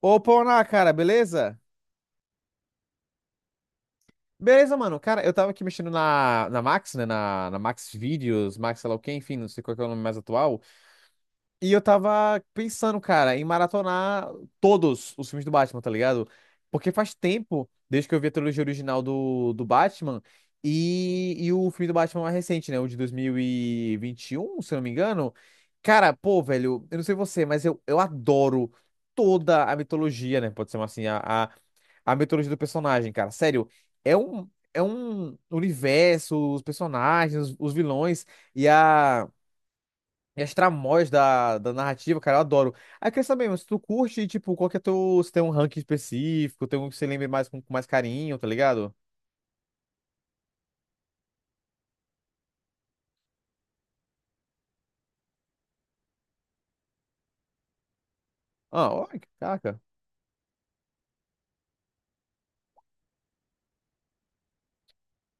Ô, Pona, cara, beleza? Beleza, mano. Cara, eu tava aqui mexendo na Max, né? Na Max Videos, Max sei lá o quê, enfim, não sei qual que é o nome mais atual. E eu tava pensando, cara, em maratonar todos os filmes do Batman, tá ligado? Porque faz tempo, desde que eu vi a trilogia original do Batman e o filme do Batman mais recente, né? O de dois mil e vinte e um, se eu não me engano. Cara, pô, velho, eu não sei você, mas eu adoro toda a mitologia, né? Pode ser assim, a a mitologia do personagem, cara. Sério, é um universo, os personagens, os vilões e, a, e as tramóias da narrativa, cara, eu adoro. Aí eu queria saber, mano, se tu curte, tipo, qual que é teu, se tem um ranking específico, tem um que você lembra mais com mais carinho, tá ligado? Ah, olha, caraca.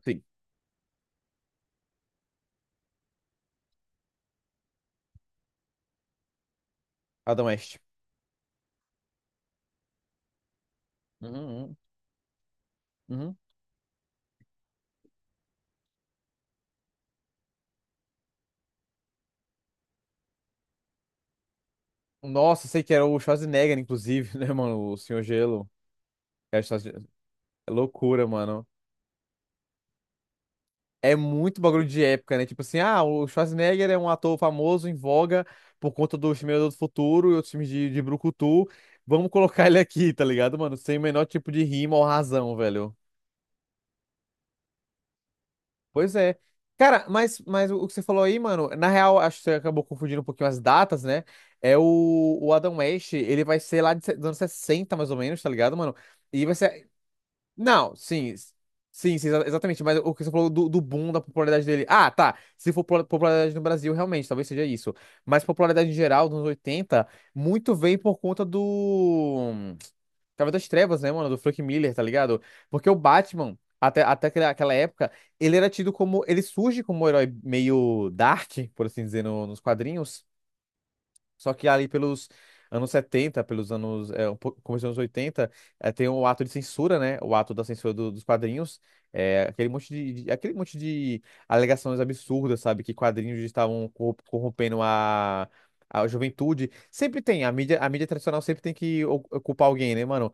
Sim, Adam West. Uhum, uhum, uhum. Nossa, sei que era o Schwarzenegger, inclusive, né, mano? O Senhor Gelo. É, Schwarzenegger. É loucura, mano. É muito bagulho de época, né? Tipo assim, ah, o Schwarzenegger é um ator famoso em voga por conta do Exterminador do Futuro e outros filmes de brucutu. Vamos colocar ele aqui, tá ligado, mano? Sem o menor tipo de rima ou razão, velho. Pois é. Cara, mas o que você falou aí, mano, na real, acho que você acabou confundindo um pouquinho as datas, né? É o Adam West, ele vai ser lá de dos anos 60, mais ou menos, tá ligado, mano? E vai ser, não, sim. Sim, sim, exatamente. Mas o que você falou do boom da popularidade dele. Ah, tá. Se for popularidade no Brasil, realmente, talvez seja isso. Mas popularidade em geral, nos anos 80, muito veio por conta do. Cavaleiro das Trevas, né, mano? Do Frank Miller, tá ligado? Porque o Batman, até aquela época, ele era tido como. Ele surge como um herói meio dark, por assim dizer, nos quadrinhos. Só que ali pelos anos 70, pelos anos, é, um começo dos anos 80, é, tem o ato de censura, né? O ato da censura dos quadrinhos. É, aquele monte de, aquele monte de alegações absurdas, sabe? Que quadrinhos estavam corrompendo a juventude. Sempre tem, a mídia tradicional sempre tem que culpar alguém, né, mano?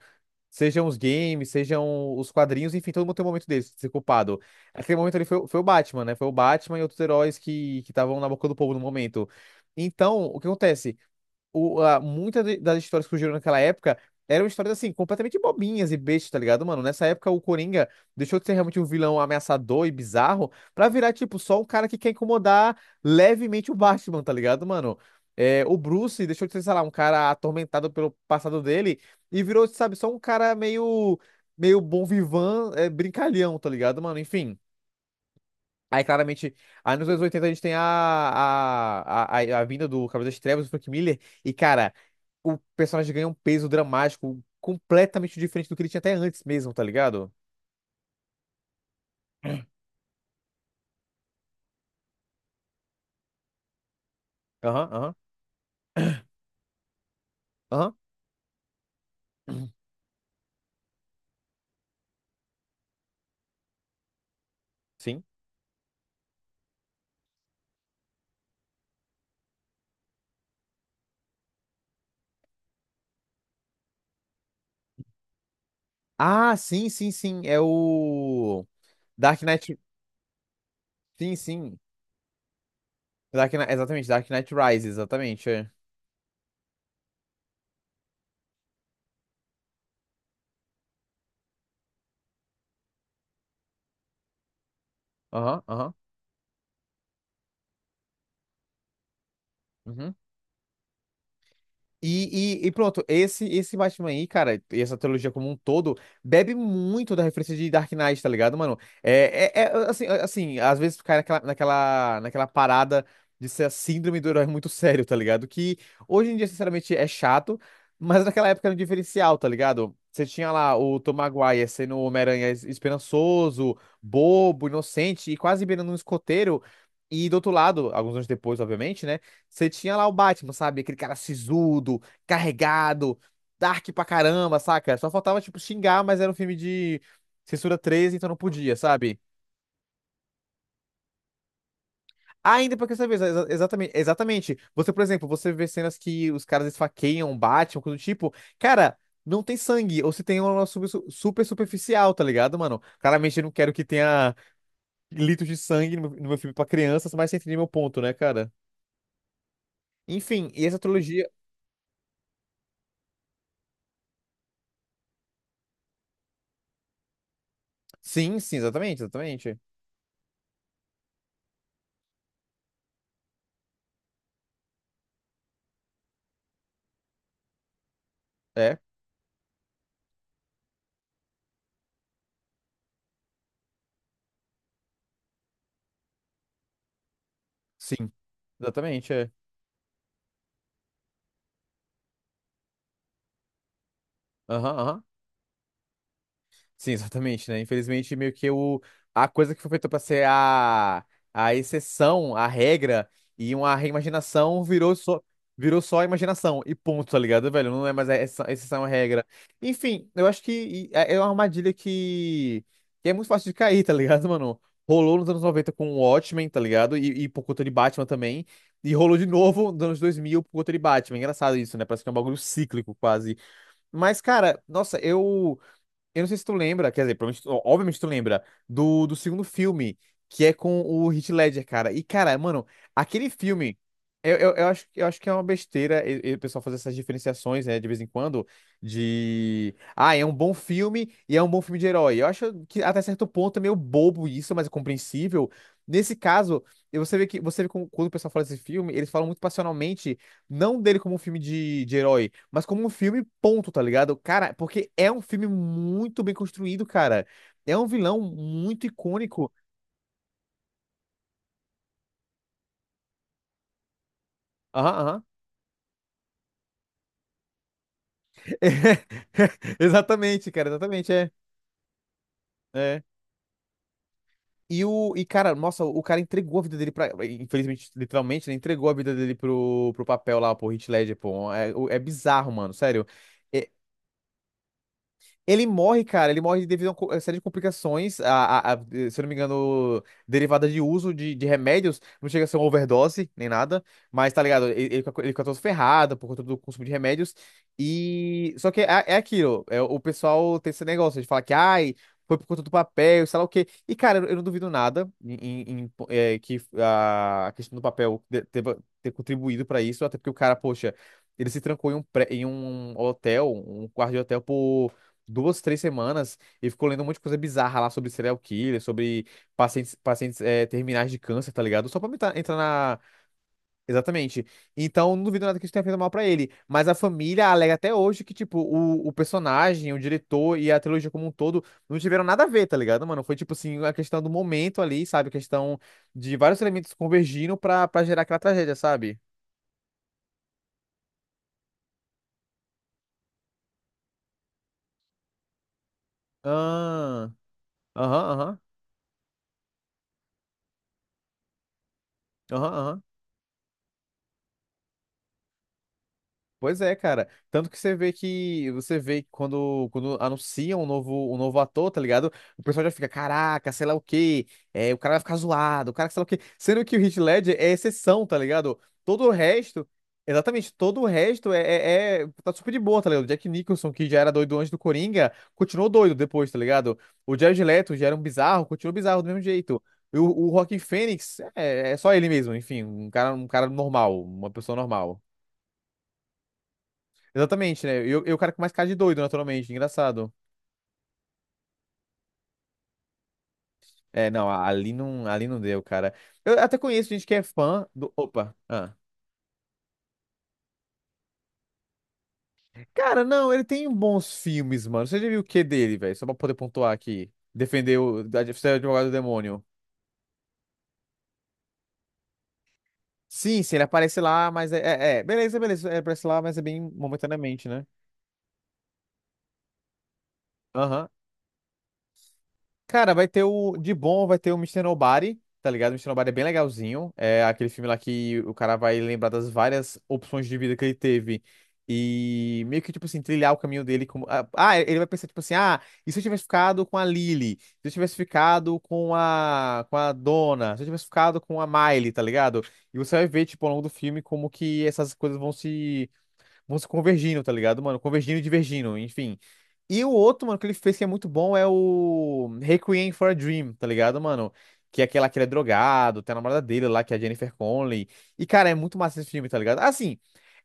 Sejam os games, sejam os quadrinhos, enfim, todo mundo tem um momento deles, de ser culpado. Aquele momento ali foi, foi o Batman, né? Foi o Batman e outros heróis que estavam na boca do povo no momento. Então, o que acontece? Muitas das histórias que surgiram naquela época eram histórias, assim, completamente bobinhas e bestas, tá ligado, mano? Nessa época, o Coringa deixou de ser realmente um vilão ameaçador e bizarro pra virar, tipo, só um cara que quer incomodar levemente o Batman, tá ligado, mano? É, o Bruce deixou de ser, sei lá, um cara atormentado pelo passado dele e virou, sabe, só um cara meio bom vivan, é, brincalhão, tá ligado, mano? Enfim. Aí, claramente, aí nos anos 80 a gente tem a vinda do Cavaleiro das Trevas, do Frank Miller, e, cara, o personagem ganha um peso dramático completamente diferente do que ele tinha até antes mesmo, tá ligado? Aham, aham, aham. Sim. Ah, sim, sim, sim. É o Dark Knight. Sim, sim. Exatamente, Dark Knight Rises, exatamente. É. Aham, aham. Uhum. E pronto, esse Batman aí, cara, e essa trilogia como um todo, bebe muito da referência de Dark Knight, tá ligado, mano? É, é, é, assim, às vezes cai naquela parada de ser a síndrome do herói muito sério, tá ligado? Que hoje em dia, sinceramente, é chato, mas naquela época era um diferencial, tá ligado? Você tinha lá o Tom Maguire sendo o Homem-Aranha esperançoso, bobo, inocente e quase beirando um escoteiro. E do outro lado, alguns anos depois, obviamente, né? Você tinha lá o Batman, sabe? Aquele cara sisudo, carregado, dark pra caramba, saca? Só faltava, tipo, xingar, mas era um filme de censura 13, então não podia, sabe? Ainda porque você vê, exatamente, exatamente. Você, por exemplo, você vê cenas que os caras esfaqueiam o Batman, coisa do tipo, cara, não tem sangue, ou se tem é uma super superficial, tá ligado, mano? Claramente eu não quero que tenha litros de sangue no meu, no meu filme pra crianças, mas você entende meu ponto, né, cara? Enfim, e essa trilogia. Sim, sim, exatamente, exatamente. É. Sim. Exatamente, é. Aham, aham. Sim, exatamente, né? Infelizmente, meio que o... a coisa que foi feita pra ser a exceção, a regra e uma reimaginação virou só a imaginação e ponto, tá ligado, velho? Não é mais a exceção, a regra. Enfim, eu acho que é uma armadilha que é muito fácil de cair, tá ligado, mano? Rolou nos anos 90 com o Watchmen, tá ligado? E por conta de Batman também. E rolou de novo nos anos 2000 por conta de Batman. Engraçado isso, né? Parece que é um bagulho cíclico quase. Mas, cara, nossa, eu. Eu, não sei se tu lembra, quer dizer, provavelmente, tu- obviamente tu lembra, do, do segundo filme, que é com o Heath Ledger, cara. E, cara, mano, aquele filme. Eu acho que é uma besteira e o pessoal fazer essas diferenciações, né, de vez em quando, de. Ah, é um bom filme e é um bom filme de herói. Eu acho que até certo ponto é meio bobo isso, mas é compreensível. Nesse caso, e você vê que você vê quando o pessoal fala desse filme, eles falam muito passionalmente não dele como um filme de herói, mas como um filme ponto, tá ligado? Cara, porque é um filme muito bem construído, cara. É um vilão muito icônico. Aham, aham. Exatamente, cara, exatamente, é. É. Cara, nossa, o cara entregou a vida dele pra. Infelizmente, literalmente, né? Entregou a vida dele pro papel lá, pro Heath Ledger, pô. É, é bizarro, mano, sério. É, ele morre, cara, ele morre devido a uma a série de complicações, se eu não me engano, derivada de uso de remédios, não chega a ser uma overdose, nem nada, mas tá ligado, ele fica todo ferrado por conta do consumo de remédios, e... Só que é, é aquilo, é, o pessoal tem esse negócio de falar que, ai, foi por conta do papel, sei lá o quê, e cara, eu não duvido nada em, é, que a questão do papel deva ter contribuído pra isso, até porque o cara, poxa, ele se trancou em um, em um hotel, um quarto de hotel por duas, três semanas e ficou lendo um monte de coisa bizarra lá sobre serial killer, sobre pacientes eh, terminais de câncer, tá ligado? Só pra entrar na. Exatamente. Então, não duvido nada que isso tenha feito mal pra ele. Mas a família alega até hoje que, tipo, o personagem, o diretor e a trilogia como um todo não tiveram nada a ver, tá ligado, mano? Foi, tipo assim, a questão do momento ali, sabe? A questão de vários elementos convergindo pra gerar aquela tragédia, sabe? Ah, aham, aham, aham, aham. Pois é, cara. Tanto que você vê que você vê que quando anunciam um novo ator, tá ligado? O pessoal já fica, caraca, sei lá o quê. É, o cara vai ficar zoado, o cara que sei lá o quê. Sendo que o Heath Ledger é exceção, tá ligado? Todo o resto, exatamente, todo o resto tá super de boa, tá ligado? O Jack Nicholson, que já era doido antes do Coringa, continuou doido depois, tá ligado? O Jared Leto já era um bizarro, continuou bizarro do mesmo jeito. O Joaquin Phoenix é só ele mesmo, enfim, um cara normal, uma pessoa normal. Exatamente, né? Cara com mais cara de doido, naturalmente, engraçado. É, não, ali não, ali não deu, cara. Eu até conheço gente que é fã do. Opa! Ah. Cara, não, ele tem bons filmes, mano. Você já viu o que dele, velho? Só pra poder pontuar aqui. Defender o. Ser o advogado do demônio. Sim, sim, ele aparece lá, mas é. É, é. Beleza, beleza. Ele aparece lá, mas é bem momentaneamente, né? Aham. Cara, vai ter o. De bom, vai ter o Mister Nobody, tá ligado? O Mister Nobody é bem legalzinho. É aquele filme lá que o cara vai lembrar das várias opções de vida que ele teve. E meio que, tipo assim, trilhar o caminho dele como. Ele vai pensar, tipo assim, ah, e se eu tivesse ficado com a Lily? Se eu tivesse ficado com a. com a Donna? Se eu tivesse ficado com a Miley, tá ligado? E você vai ver, tipo, ao longo do filme, como que essas coisas vão se convergindo, tá ligado, mano? Convergindo e divergindo, enfim. E o outro, mano, que ele fez que é muito bom é o Requiem for a Dream, tá ligado, mano? Que é aquela que ele é drogado, tem a namorada dele lá, que é a Jennifer Connelly. E, cara, é muito massa esse filme, tá ligado? Assim,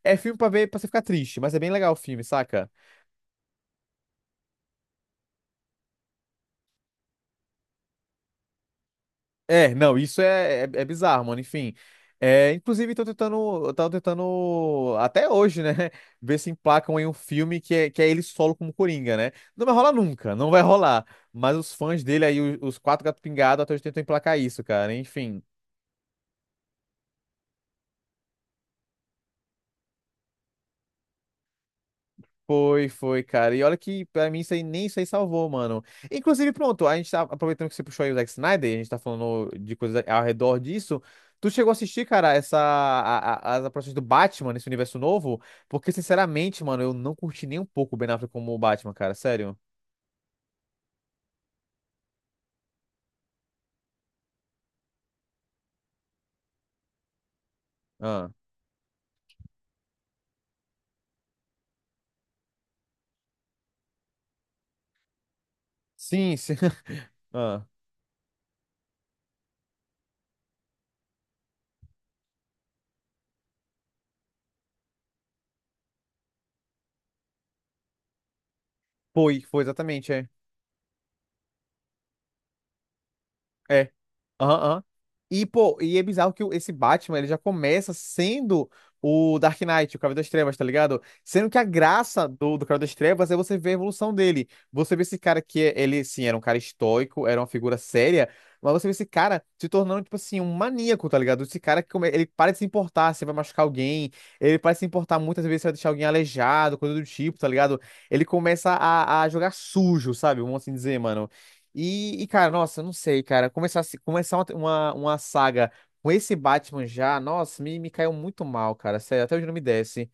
é filme pra ver, pra você ficar triste, mas é bem legal o filme, saca? É, não, isso é bizarro, mano. Enfim, é, inclusive tô tentando, eu tava tentando até hoje, né, ver se emplacam em um filme que é ele solo como Coringa, né? Não vai rolar nunca, não vai rolar. Mas os fãs dele aí, os quatro gatos pingados, até hoje tentam emplacar isso, cara. Enfim, foi, foi, cara. E olha que pra mim isso aí nem isso aí salvou, mano. Inclusive, pronto, a gente tá aproveitando que você puxou aí o Zack Snyder, e a gente tá falando de coisas ao redor disso. Tu chegou a assistir, cara, essa as aparições do Batman nesse universo novo? Porque, sinceramente, mano, eu não curti nem um pouco o Ben Affleck como o Batman, cara, sério. Ah. Sim, sim. Ah. Foi, foi exatamente, é. É. Aham, aham. E, pô, e é bizarro que esse Batman, ele já começa sendo o Dark Knight, o Cavaleiro das Trevas, tá ligado? Sendo que a graça do Cavaleiro das Trevas é você ver a evolução dele. Você vê esse cara que, ele, sim, era um cara estoico, era uma figura séria, mas você vê esse cara se tornando, tipo assim, um maníaco, tá ligado? Esse cara que ele para de se importar se vai machucar alguém, ele para de se importar muitas vezes se vai deixar alguém aleijado, coisa do tipo, tá ligado? Ele começa a jogar sujo, sabe? Vamos assim dizer, mano. Cara, nossa, não sei, cara. Começar, começar uma saga com esse Batman já, nossa, me caiu muito mal, cara. Sério, até hoje não me desce.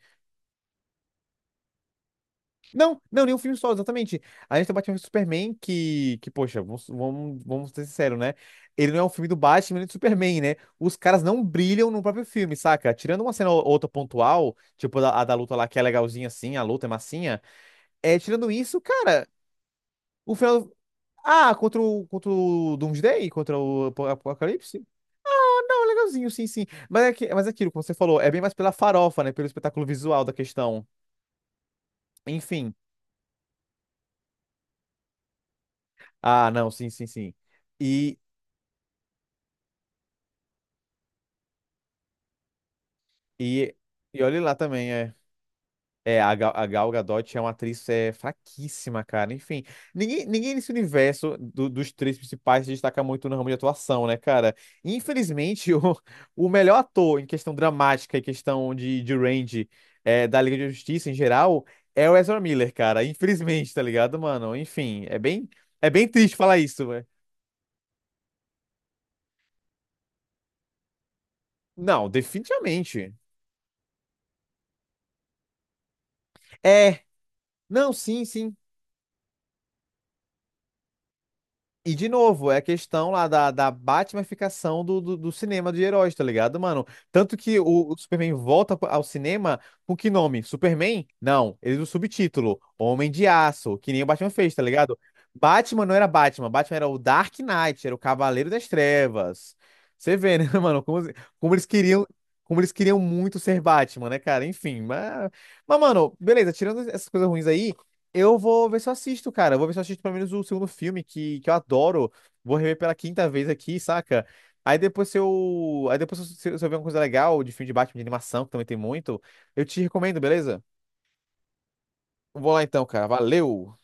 Não, não, nenhum filme só, exatamente. A gente tem o Batman vs Superman, que poxa, vamos ser sinceros, né? Ele não é um filme do Batman nem do Superman, né? Os caras não brilham no próprio filme, saca? Tirando uma cena ou outra pontual, tipo a, da luta lá, que é legalzinha assim, a luta é massinha. É, tirando isso, cara, o final. Ah, contra o, contra o Doomsday? Contra o Apocalipse? Ah, legalzinho, sim, sim. Mas é, que, mas é aquilo, como você falou, é bem mais pela farofa, né? Pelo espetáculo visual da questão. Enfim. Ah, não, sim, sim, sim. E, e, e olhe lá também, é. É, a Gal Gadot é uma atriz fraquíssima, cara. Enfim, ninguém, ninguém nesse universo dos três principais se destaca muito no ramo de atuação, né, cara? Infelizmente, o melhor ator em questão dramática e questão de range é, da Liga da Justiça em geral é o Ezra Miller, cara. Infelizmente, tá ligado, mano? Enfim, é bem triste falar isso, velho. Não, definitivamente. É. Não, sim, sim. E de novo, é a questão lá da Batmanificação do cinema de heróis, tá ligado, mano? Tanto que o Superman volta ao cinema com que nome? Superman? Não, ele usa o subtítulo, Homem de Aço, que nem o Batman fez, tá ligado? Batman não era Batman, Batman era o Dark Knight, era o Cavaleiro das Trevas. Você vê, né, mano, como, como eles queriam, como eles queriam muito ser Batman, né, cara? Enfim, mas mano, beleza, tirando essas coisas ruins aí. Eu vou ver se eu assisto, cara. Eu vou ver se eu assisto pelo menos o segundo filme, que eu adoro. Vou rever pela quinta vez aqui, saca? Aí depois se eu. Aí depois se eu, se eu ver uma coisa legal de filme de Batman de animação, que também tem muito, eu te recomendo, beleza? Vou lá então, cara. Valeu!